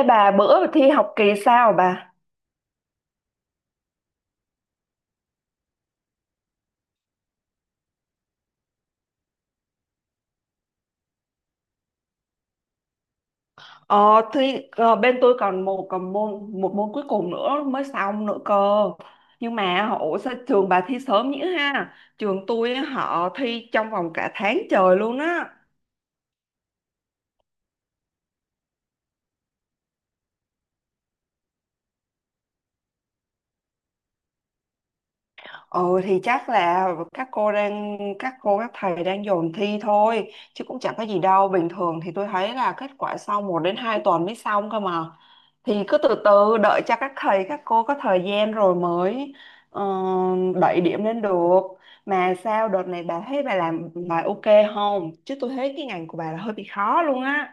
Ê bà bữa thi học kỳ sao bà? Ờ, thì bên tôi còn một môn cuối cùng nữa mới xong nữa cơ. Ủa sao trường bà thi sớm nhỉ ha? Trường tôi họ thi trong vòng cả tháng trời luôn á. Ừ thì chắc là các cô các thầy đang dồn thi thôi, chứ cũng chẳng có gì đâu. Bình thường thì tôi thấy là kết quả sau 1 đến 2 tuần mới xong cơ mà, thì cứ từ từ đợi cho các thầy các cô có thời gian rồi mới ờ, đẩy điểm lên được. Mà sao đợt này bà thấy bà làm bài ok không? Chứ tôi thấy cái ngành của bà là hơi bị khó luôn á.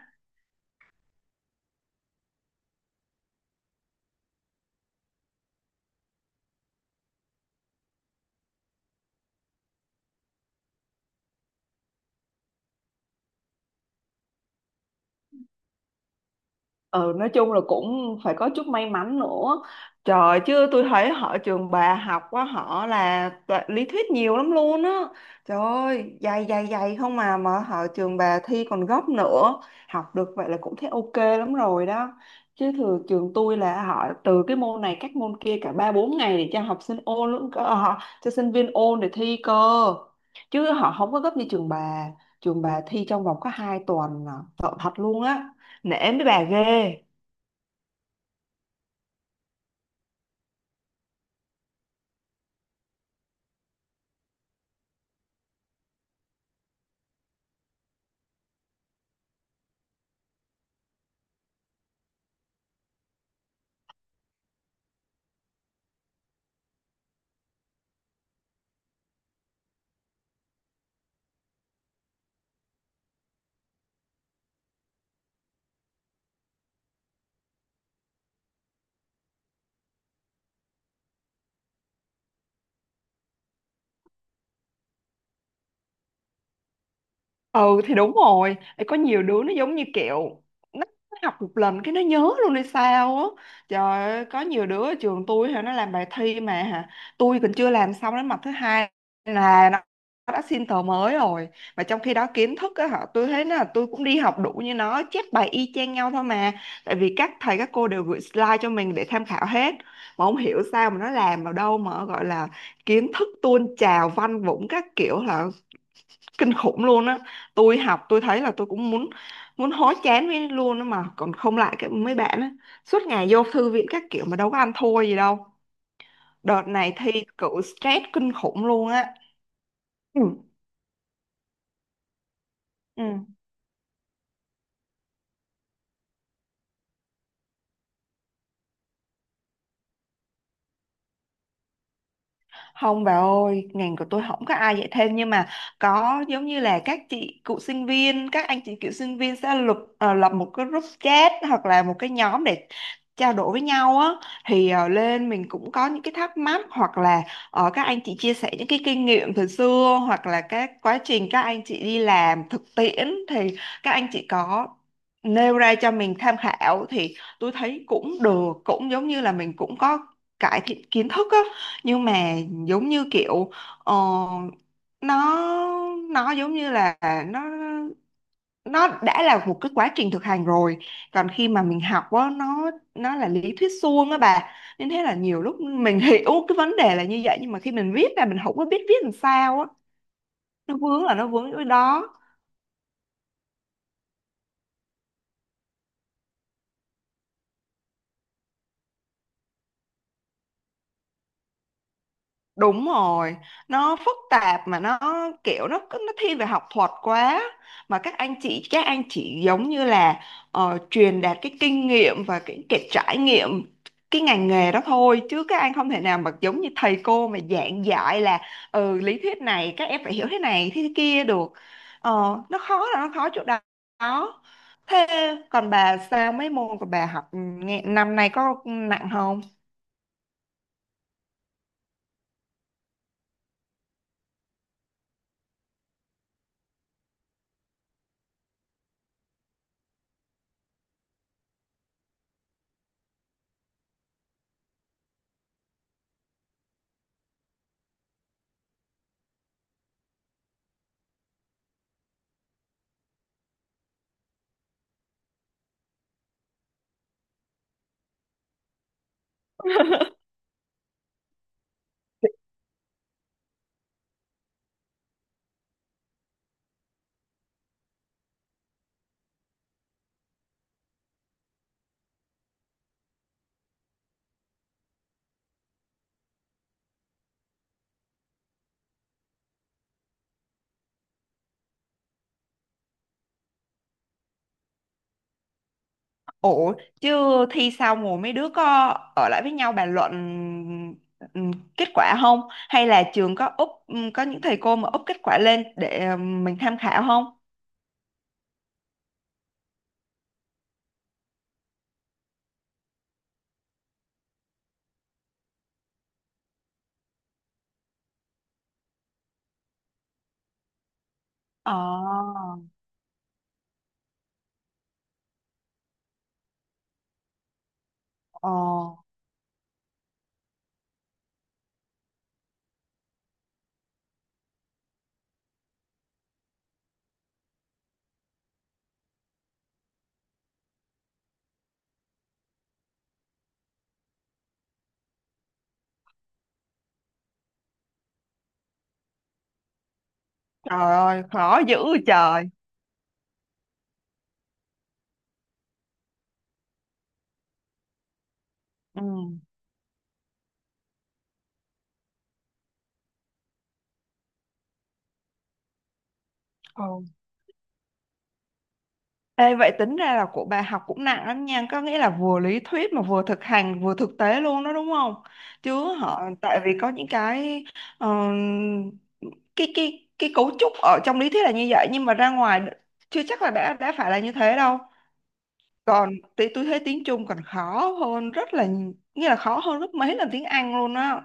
Ừ, nói chung là cũng phải có chút may mắn nữa trời, chứ tôi thấy họ trường bà học quá, họ là lý thuyết nhiều lắm luôn á. Trời ơi dày dày dày không, mà họ trường bà thi còn gấp nữa. Học được vậy là cũng thấy ok lắm rồi đó, chứ thường trường tôi là họ từ cái môn này các môn kia cả 3-4 ngày để cho học sinh ôn luôn cơ, họ cho sinh viên ôn để thi cơ, chứ họ không có gấp như trường bà. Trường bà thi trong vòng có 2 tuần à. Sợ thật luôn á, nể mấy bà ghê. Ừ thì đúng rồi. Ê, có nhiều đứa nó giống như kiểu nó nó học một lần cái nó nhớ luôn hay sao á. Trời ơi có nhiều đứa ở trường tôi hả, nó làm bài thi mà hả, tôi còn chưa làm xong đến mặt thứ hai là nó đã xin tờ mới rồi. Mà trong khi đó kiến thức á hả, tôi thấy là tôi cũng đi học đủ như nó, chép bài y chang nhau thôi mà, tại vì các thầy các cô đều gửi slide cho mình để tham khảo hết. Mà không hiểu sao mà nó làm vào đâu mà gọi là kiến thức tuôn trào văn vũng các kiểu là kinh khủng luôn á. Tôi học tôi thấy là tôi cũng muốn muốn hối chán với luôn á, mà còn không lại cái mấy bạn á, suốt ngày vô thư viện các kiểu mà đâu có ăn thua gì đâu. Đợt này thi cử stress kinh khủng luôn á. Ừ. Ừ. Không bà ơi, ngành của tôi không có ai dạy thêm, nhưng mà có giống như là các chị cựu sinh viên, các anh chị cựu sinh viên sẽ lập một cái group chat hoặc là một cái nhóm để trao đổi với nhau á. Thì lên mình cũng có những cái thắc mắc, hoặc là các anh chị chia sẻ những cái kinh nghiệm từ xưa, hoặc là các quá trình các anh chị đi làm thực tiễn thì các anh chị có nêu ra cho mình tham khảo, thì tôi thấy cũng được, cũng giống như là mình cũng có cải thiện kiến thức á. Nhưng mà giống như kiểu ờ, nó nó giống như là nó nó đã là một cái quá trình thực hành rồi, còn khi mà mình học á nó là lý thuyết suông á bà. Nên thế là nhiều lúc mình hiểu cái vấn đề là như vậy, nhưng mà khi mình viết ra mình không có biết viết làm sao á. Nó vướng là nó vướng ở đó. Đúng rồi, nó phức tạp mà nó kiểu nó thiên về học thuật quá, mà các anh chị giống như là truyền đạt cái kinh nghiệm và cái trải nghiệm cái ngành nghề đó thôi, chứ các anh không thể nào mà giống như thầy cô mà giảng dạy là ừ lý thuyết này các em phải hiểu thế này thế kia được. Ờ, nó khó là nó khó chỗ đó. Thế còn bà sao, mấy môn của bà học nghe, năm nay có nặng không? Ủa, chứ thi xong rồi mấy đứa có ở lại với nhau bàn luận ừm, kết quả không? Hay là trường có úp có những thầy cô mà úp kết quả lên để mình tham khảo không? Ờ, ờ, trời ơi, khó dữ vậy trời. Ừ. Ừ. Ê, vậy tính ra là của bà học cũng nặng lắm nha, có nghĩa là vừa lý thuyết mà vừa thực hành, vừa thực tế luôn đó đúng không? Chứ họ tại vì có những cái ờ, cái cấu trúc ở trong lý thuyết là như vậy, nhưng mà ra ngoài chưa chắc là đã phải là như thế đâu. Còn tí tôi thấy tiếng Trung còn khó hơn nghĩa là khó hơn rất mấy lần tiếng Anh luôn á.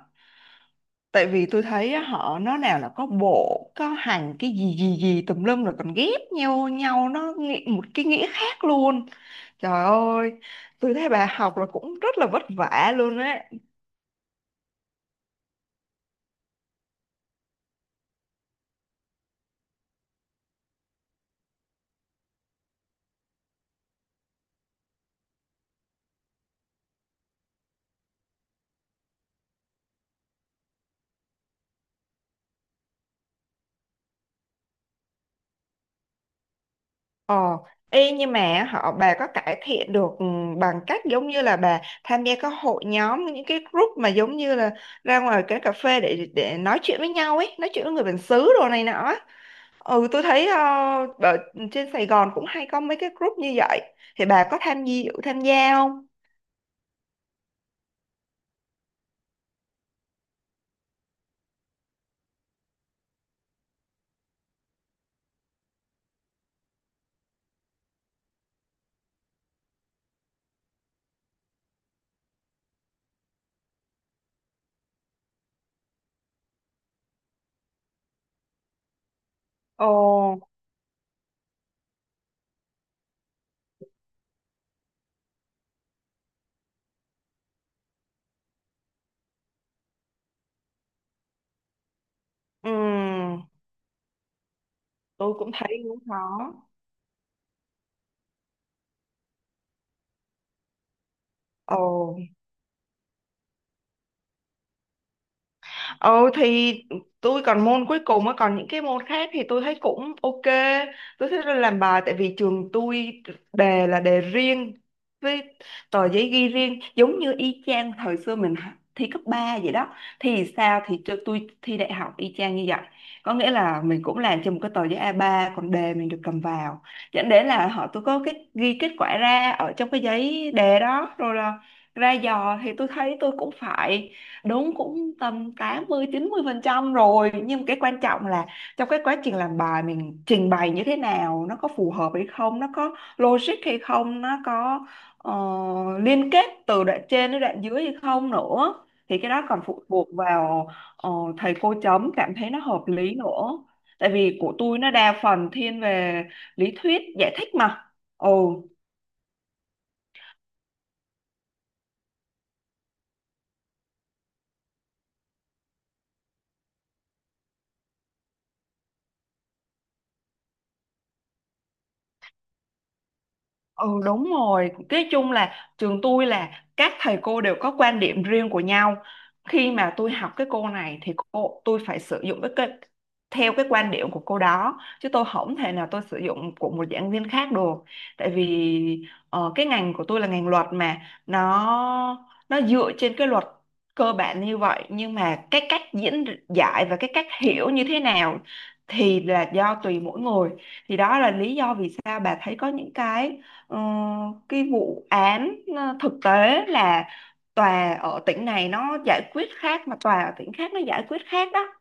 Tại vì tôi thấy á, họ nó nào là có bộ, có hành cái gì gì gì tùm lum, rồi còn ghép nhau nhau một cái nghĩa khác luôn. Trời ơi, tôi thấy bà học là cũng rất là vất vả luôn á. Ờ, y nhưng mà họ bà có cải thiện được bằng cách giống như là bà tham gia các hội nhóm, những cái group mà giống như là ra ngoài cái cà phê để nói chuyện với nhau ấy, nói chuyện với người bản xứ đồ này nọ á. Ừ, tôi thấy ở trên Sài Gòn cũng hay có mấy cái group như vậy. Thì bà có tham gia không? Ồ, ừ, tôi cũng thấy cũng khó. Ồ. Ừ thì tôi còn môn cuối cùng á, còn những cái môn khác thì tôi thấy cũng ok. Tôi thích làm bài tại vì trường tôi đề là đề riêng với tờ giấy ghi riêng, giống như y chang thời xưa thi cấp 3 vậy đó, thì sao thì cho tôi thi đại học y chang như vậy, có nghĩa là mình cũng làm trên một cái tờ giấy A3, còn đề mình được cầm vào, dẫn đến là họ tôi có cái ghi kết quả ra ở trong cái giấy đề đó rồi là ra dò, thì tôi thấy tôi cũng phải đúng cũng tầm 80-90% rồi. Nhưng cái quan trọng là trong cái quá trình làm bài mình trình bày như thế nào, nó có phù hợp hay không, nó có logic hay không, nó có ờ, liên kết từ đoạn trên đến đoạn dưới hay không nữa. Thì cái đó còn phụ thuộc vào ờ, thầy cô chấm cảm thấy nó hợp lý nữa, tại vì của tôi nó đa phần thiên về lý thuyết giải thích mà. Ừ. Ừ đúng rồi, cái chung là trường tôi là các thầy cô đều có quan điểm riêng của nhau. Khi mà tôi học cái cô này thì cô tôi phải sử dụng cái theo cái quan điểm của cô đó, chứ tôi không thể nào tôi sử dụng của một giảng viên khác được. Tại vì cái ngành của tôi là ngành luật mà, nó dựa trên cái luật cơ bản như vậy, nhưng mà cái cách diễn giải và cái cách hiểu như thế nào thì là do tùy mỗi người. Thì đó là lý do vì sao bà thấy có những Ờ, cái vụ án thực tế là tòa ở tỉnh này nó giải quyết khác mà tòa ở tỉnh khác nó giải quyết khác đó.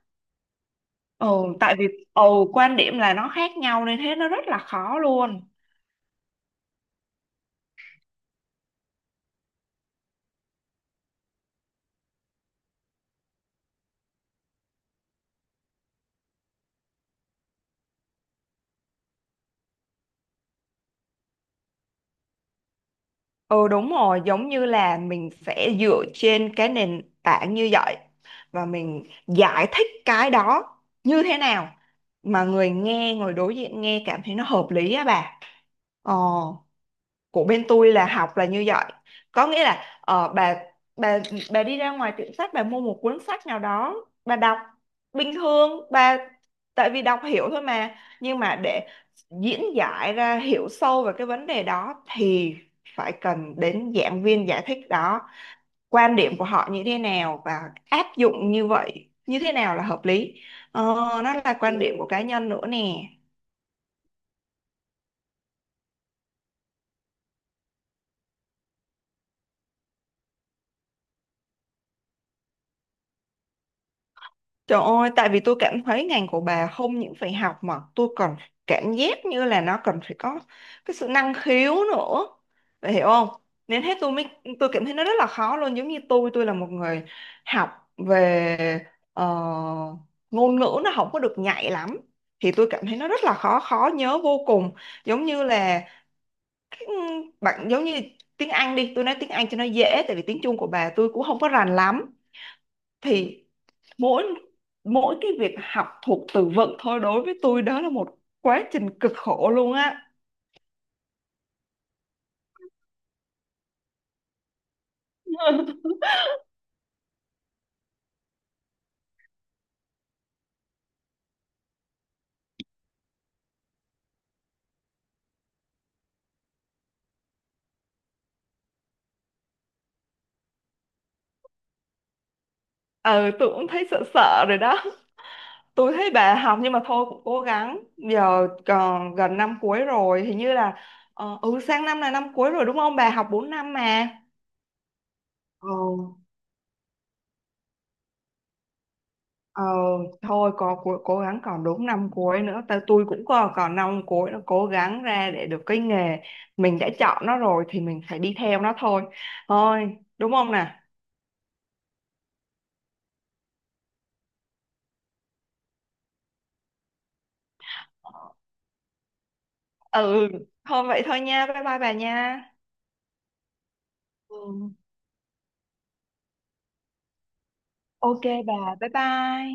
Ừ, tại vì ừ, quan điểm là nó khác nhau nên thế nó rất là khó luôn. Ừ đúng rồi, giống như là mình sẽ dựa trên cái nền tảng như vậy và mình giải thích cái đó như thế nào mà người nghe, người đối diện nghe cảm thấy nó hợp lý á bà. Ờ. Của bên tôi là học là như vậy, có nghĩa là bà bà đi ra ngoài tiệm sách bà mua một cuốn sách nào đó, bà đọc bình thường bà, tại vì đọc hiểu thôi mà, nhưng mà để diễn giải ra hiểu sâu về cái vấn đề đó thì phải cần đến giảng viên giải thích đó, quan điểm của họ như thế nào và áp dụng như vậy như thế nào là hợp lý, ờ, nó là quan điểm của cá nhân nữa nè. Trời ơi, tại vì tôi cảm thấy ngành của bà không những phải học mà tôi còn cảm giác như là nó cần phải có cái sự năng khiếu nữa. Bà hiểu không? Nên hết tôi mới tôi cảm thấy nó rất là khó luôn, giống như tôi là một người học về ờ, ngôn ngữ nó không có được nhạy lắm. Thì tôi cảm thấy nó rất là khó, khó nhớ vô cùng, giống như là cái, bạn giống như tiếng Anh đi, tôi nói tiếng Anh cho nó dễ tại vì tiếng Trung của bà tôi cũng không có rành lắm. Thì mỗi mỗi cái việc học thuộc từ vựng thôi đối với tôi đó là một quá trình cực khổ luôn á. Ừ tôi cũng thấy sợ sợ rồi đó. Tôi thấy bà học nhưng mà thôi cũng cố gắng, giờ còn gần năm cuối rồi hình như là sang năm là năm cuối rồi đúng không, bà học 4 năm mà. Ờ, ờ, thôi có cố gắng, còn đúng năm cuối nữa ta tôi cũng còn còn năm cuối nữa, cố gắng ra để được cái nghề mình đã chọn nó rồi thì mình phải đi theo nó thôi thôi đúng không nè. Ừ thôi vậy thôi nha, bye bye bà nha. Ừ. Ok bà bye bye.